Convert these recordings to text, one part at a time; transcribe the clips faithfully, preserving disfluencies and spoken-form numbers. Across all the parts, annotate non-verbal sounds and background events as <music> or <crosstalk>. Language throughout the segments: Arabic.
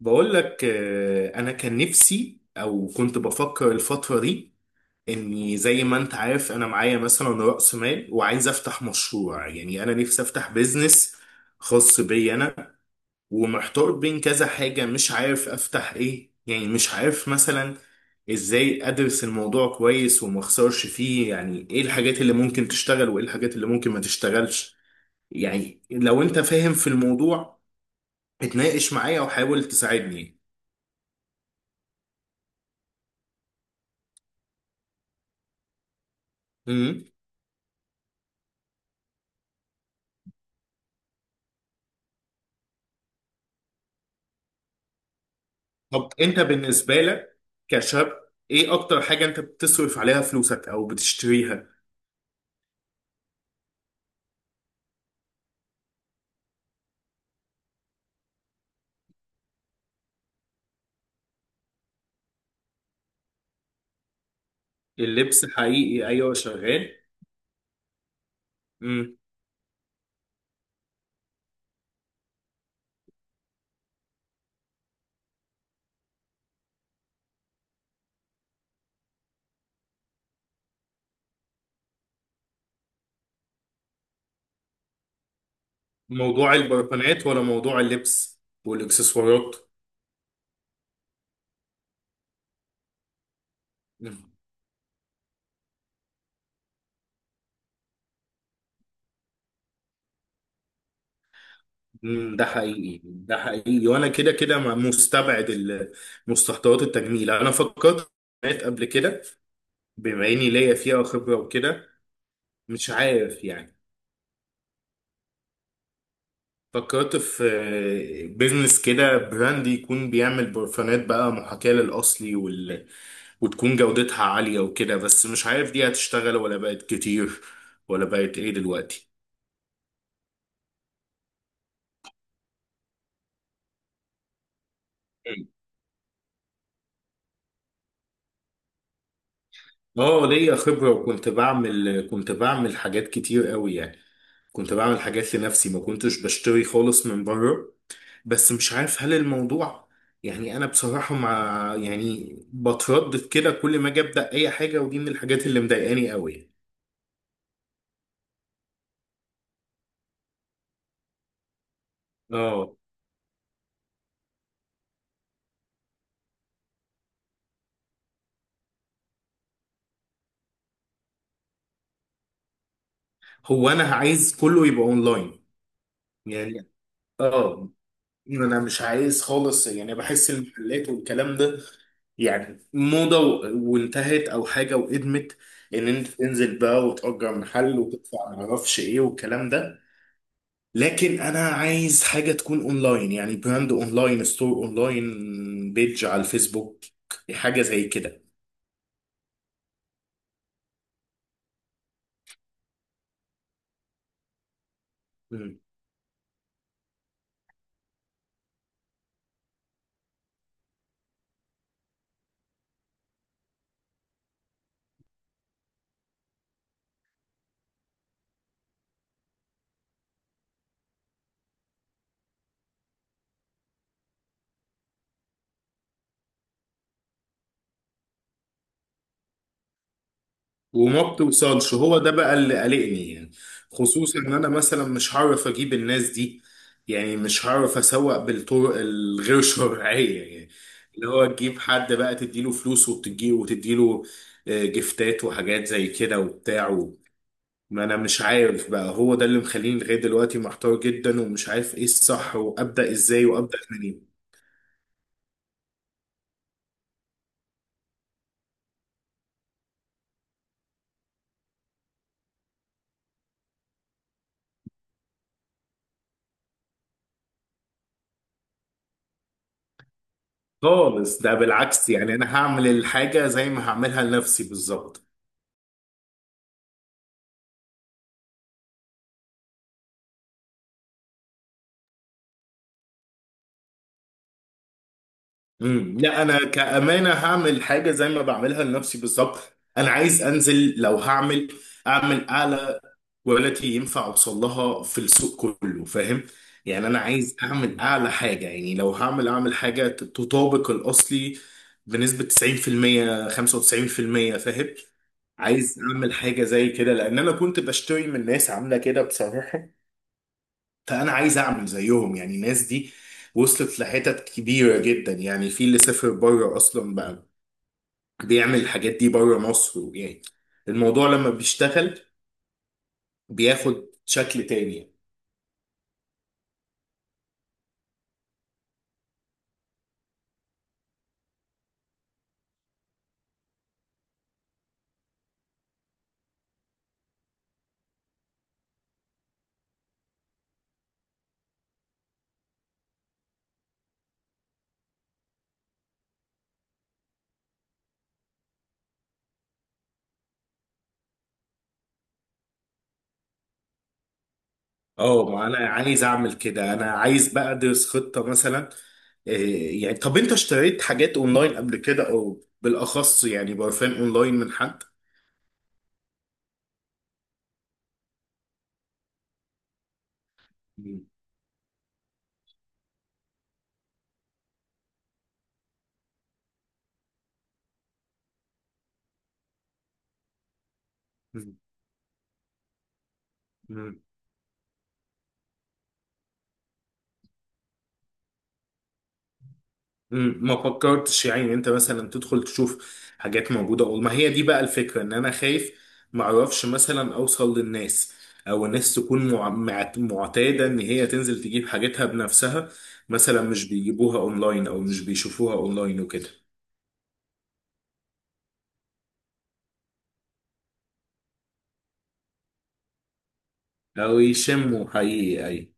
بقول لك آه، انا كان نفسي او كنت بفكر الفتره دي، اني زي ما انت عارف انا معايا مثلا راس مال وعايز افتح مشروع. يعني انا نفسي افتح بيزنس خاص بي انا، ومحتار بين كذا حاجه، مش عارف افتح ايه. يعني مش عارف مثلا ازاي ادرس الموضوع كويس وما اخسرش فيه، يعني ايه الحاجات اللي ممكن تشتغل وايه الحاجات اللي ممكن ما تشتغلش. يعني لو انت فاهم في الموضوع اتناقش معايا وحاول تساعدني. طب انت بالنسبه لك كشاب، ايه اكتر حاجه انت بتصرف عليها فلوسك او بتشتريها؟ اللبس حقيقي، ايوه، شغال. مم. موضوع البرفانات ولا موضوع اللبس والاكسسوارات؟ مم. ده حقيقي ده حقيقي، وانا كده كده ما- مستبعد ال- مستحضرات التجميل. انا فكرت في البرفانات قبل كده، بما اني ليا فيها خبره وكده. مش عارف يعني، فكرت في بيزنس كده، براند يكون بيعمل برفانات بقى محاكاة للأصلي وال... وتكون جودتها عالية وكده، بس مش عارف دي هتشتغل ولا بقت كتير ولا بقت ايه دلوقتي. اه، ليا خبرة وكنت بعمل، كنت بعمل حاجات كتير قوي يعني. كنت بعمل حاجات لنفسي، ما كنتش بشتري خالص من بره. بس مش عارف هل الموضوع، يعني انا بصراحة مع، يعني بتردد كده كل ما اجي ابدأ اي حاجة، ودي من الحاجات اللي مضايقاني قوي. اه. هو انا عايز كله يبقى اونلاين يعني. اه. مم. انا مش عايز خالص، يعني بحس المحلات والكلام ده يعني موضة و- وانتهت او حاجة وقدمت، ان انت تنزل بقى وتأجر محل وتدفع معرفش ايه والكلام ده. لكن انا عايز حاجة تكون اونلاين، يعني براند اونلاين، ستور اونلاين، بيج على الفيسبوك، حاجة زي كده. وما بتوصلش، هو ده بقى اللي قلقني يعني. خصوصا ان انا مثلا مش هعرف اجيب الناس دي، يعني مش هعرف اسوق بالطرق الغير <laughs> شرعية يعني، اللي هو تجيب حد بقى تديله فلوس وتديله وتديله، آه، جفتات وحاجات زي كده وبتاع و- ما انا مش عارف بقى، هو ده اللي مخليني لغاية دلوقتي محتار جدا ومش عارف ايه الصح وابدأ ازاي وابدأ منين. خالص، ده بالعكس، يعني انا هعمل الحاجة زي ما هعملها لنفسي بالظبط. مم. لا، انا كامانه هعمل حاجه زي ما بعملها لنفسي بالظبط. انا عايز انزل، لو هعمل اعمل اعلى كواليتي ينفع اوصل لها في السوق، كله فاهم. يعني انا عايز اعمل اعلى حاجه، يعني لو هعمل اعمل حاجه تطابق الاصلي بنسبه تسعين في المية خمسة وتسعين في المية، فاهم. عايز اعمل حاجه زي كده لان انا كنت بشتري من ناس عامله كده بصراحه. فانا عايز اعمل زيهم يعني. الناس دي وصلت لحتت كبيره جدا، يعني في اللي سافر بره اصلا بقى بيعمل الحاجات دي بره مصر يعني. الموضوع لما بيشتغل بياخد شكل تاني. اه، ما انا عايز اعمل كده، انا عايز بقى ادرس خطه مثلا. إيه يعني؟ طب انت اشتريت حاجات اونلاين قبل كده، او بالاخص يعني برفان اونلاين من حد؟ مم. مم. مم، ما فكرتش يعني انت مثلا تدخل تشوف حاجات موجودة، اقول ما هي دي بقى الفكرة، ان انا خايف ما اعرفش مثلا اوصل للناس، او الناس تكون مع- مع- معتادة ان هي تنزل تجيب حاجتها بنفسها، مثلا مش بيجيبوها اونلاين او مش بيشوفوها اونلاين وكده. او يشموا حقيقي، اي.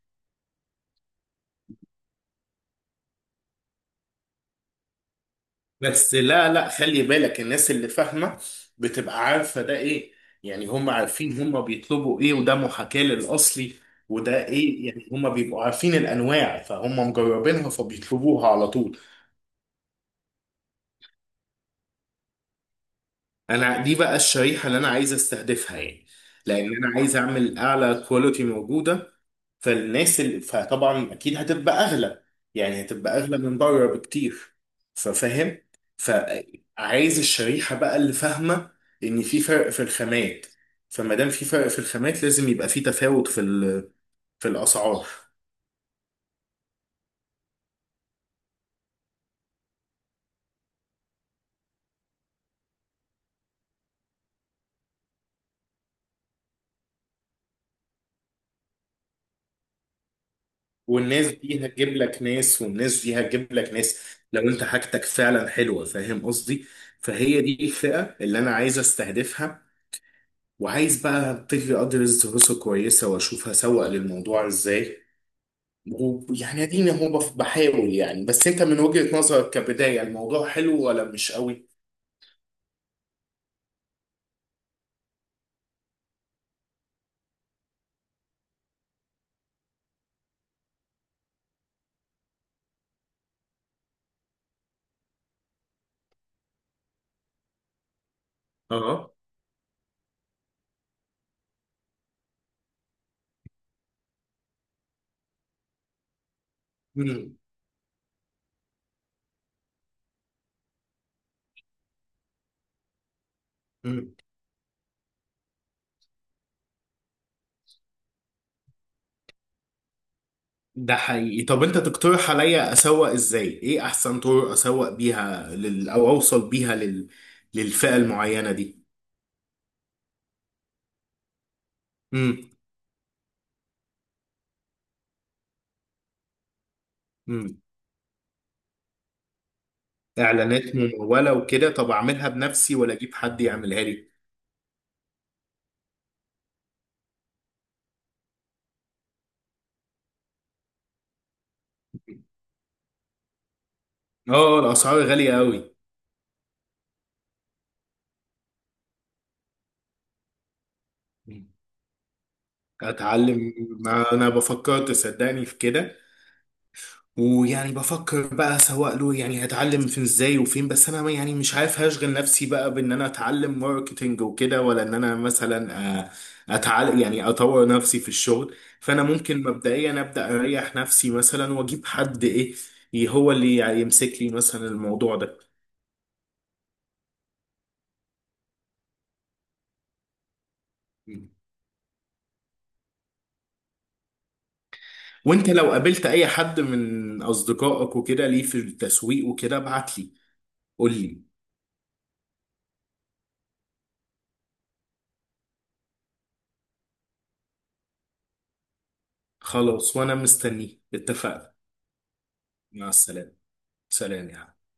بس لا لا، خلي بالك، الناس اللي فاهمة بتبقى عارفة ده ايه. يعني هم عارفين هم بيطلبوا ايه، وده محاكاة للأصلي وده ايه. يعني هم بيبقوا عارفين الأنواع، فهم مجربينها فبيطلبوها على طول. انا دي بقى الشريحه اللي انا عايز استهدفها يعني، لان انا عايز اعمل اعلى كواليتي موجوده. فالناس اللي، فطبعا اكيد هتبقى اغلى، يعني هتبقى اغلى من بره بكتير، ففاهم. فعايز الشريحه بقى اللي فاهمه ان في فرق في الخامات. فما دام في فرق في الخامات لازم يبقى في تفاوت في ال- في الاسعار. والناس دي هتجيب لك ناس، والناس دي هتجيب لك ناس، لو انت حاجتك فعلا حلوه، فاهم قصدي. فهي دي الفئه اللي انا عايز استهدفها، وعايز بقى ابتدي ادرس دراسه كويسه واشوف هسوق للموضوع ازاي. ويعني اديني، هو بف- بحاول يعني. بس انت من وجهه نظرك كبدايه، الموضوع حلو ولا مش قوي؟ اه. امم امم ده حقيقي. طب انت تقترح عليا اسوق ازاي؟ ايه احسن طرق اسوق بيها لل... او اوصل بيها لل... للفئه المعينه دي؟ امم امم اعلانات ممولة وكده، طب اعملها بنفسي ولا اجيب حد يعملها لي؟ اه، الاسعار غالية قوي. مم. اتعلم؟ ما انا بفكر، تصدقني، في كده. ويعني بفكر بقى سواء له، يعني هتعلم فين ازاي وفين. بس انا يعني مش عارف هشغل نفسي بقى بان انا اتعلم ماركتينج وكده، ولا ان انا مثلا، آه، اتعلم يعني اطور نفسي في الشغل. فانا ممكن مبدئيا ابدا اريح نفسي مثلا واجيب حد ايه، هو اللي يمسك لي مثلا الموضوع ده. وانت لو قابلت اي حد من اصدقائك وكده ليه في التسويق وكده ابعت لي. قول لي. خلاص، وانا مستنيه، اتفقنا. مع السلامة. سلام يا حبيبي.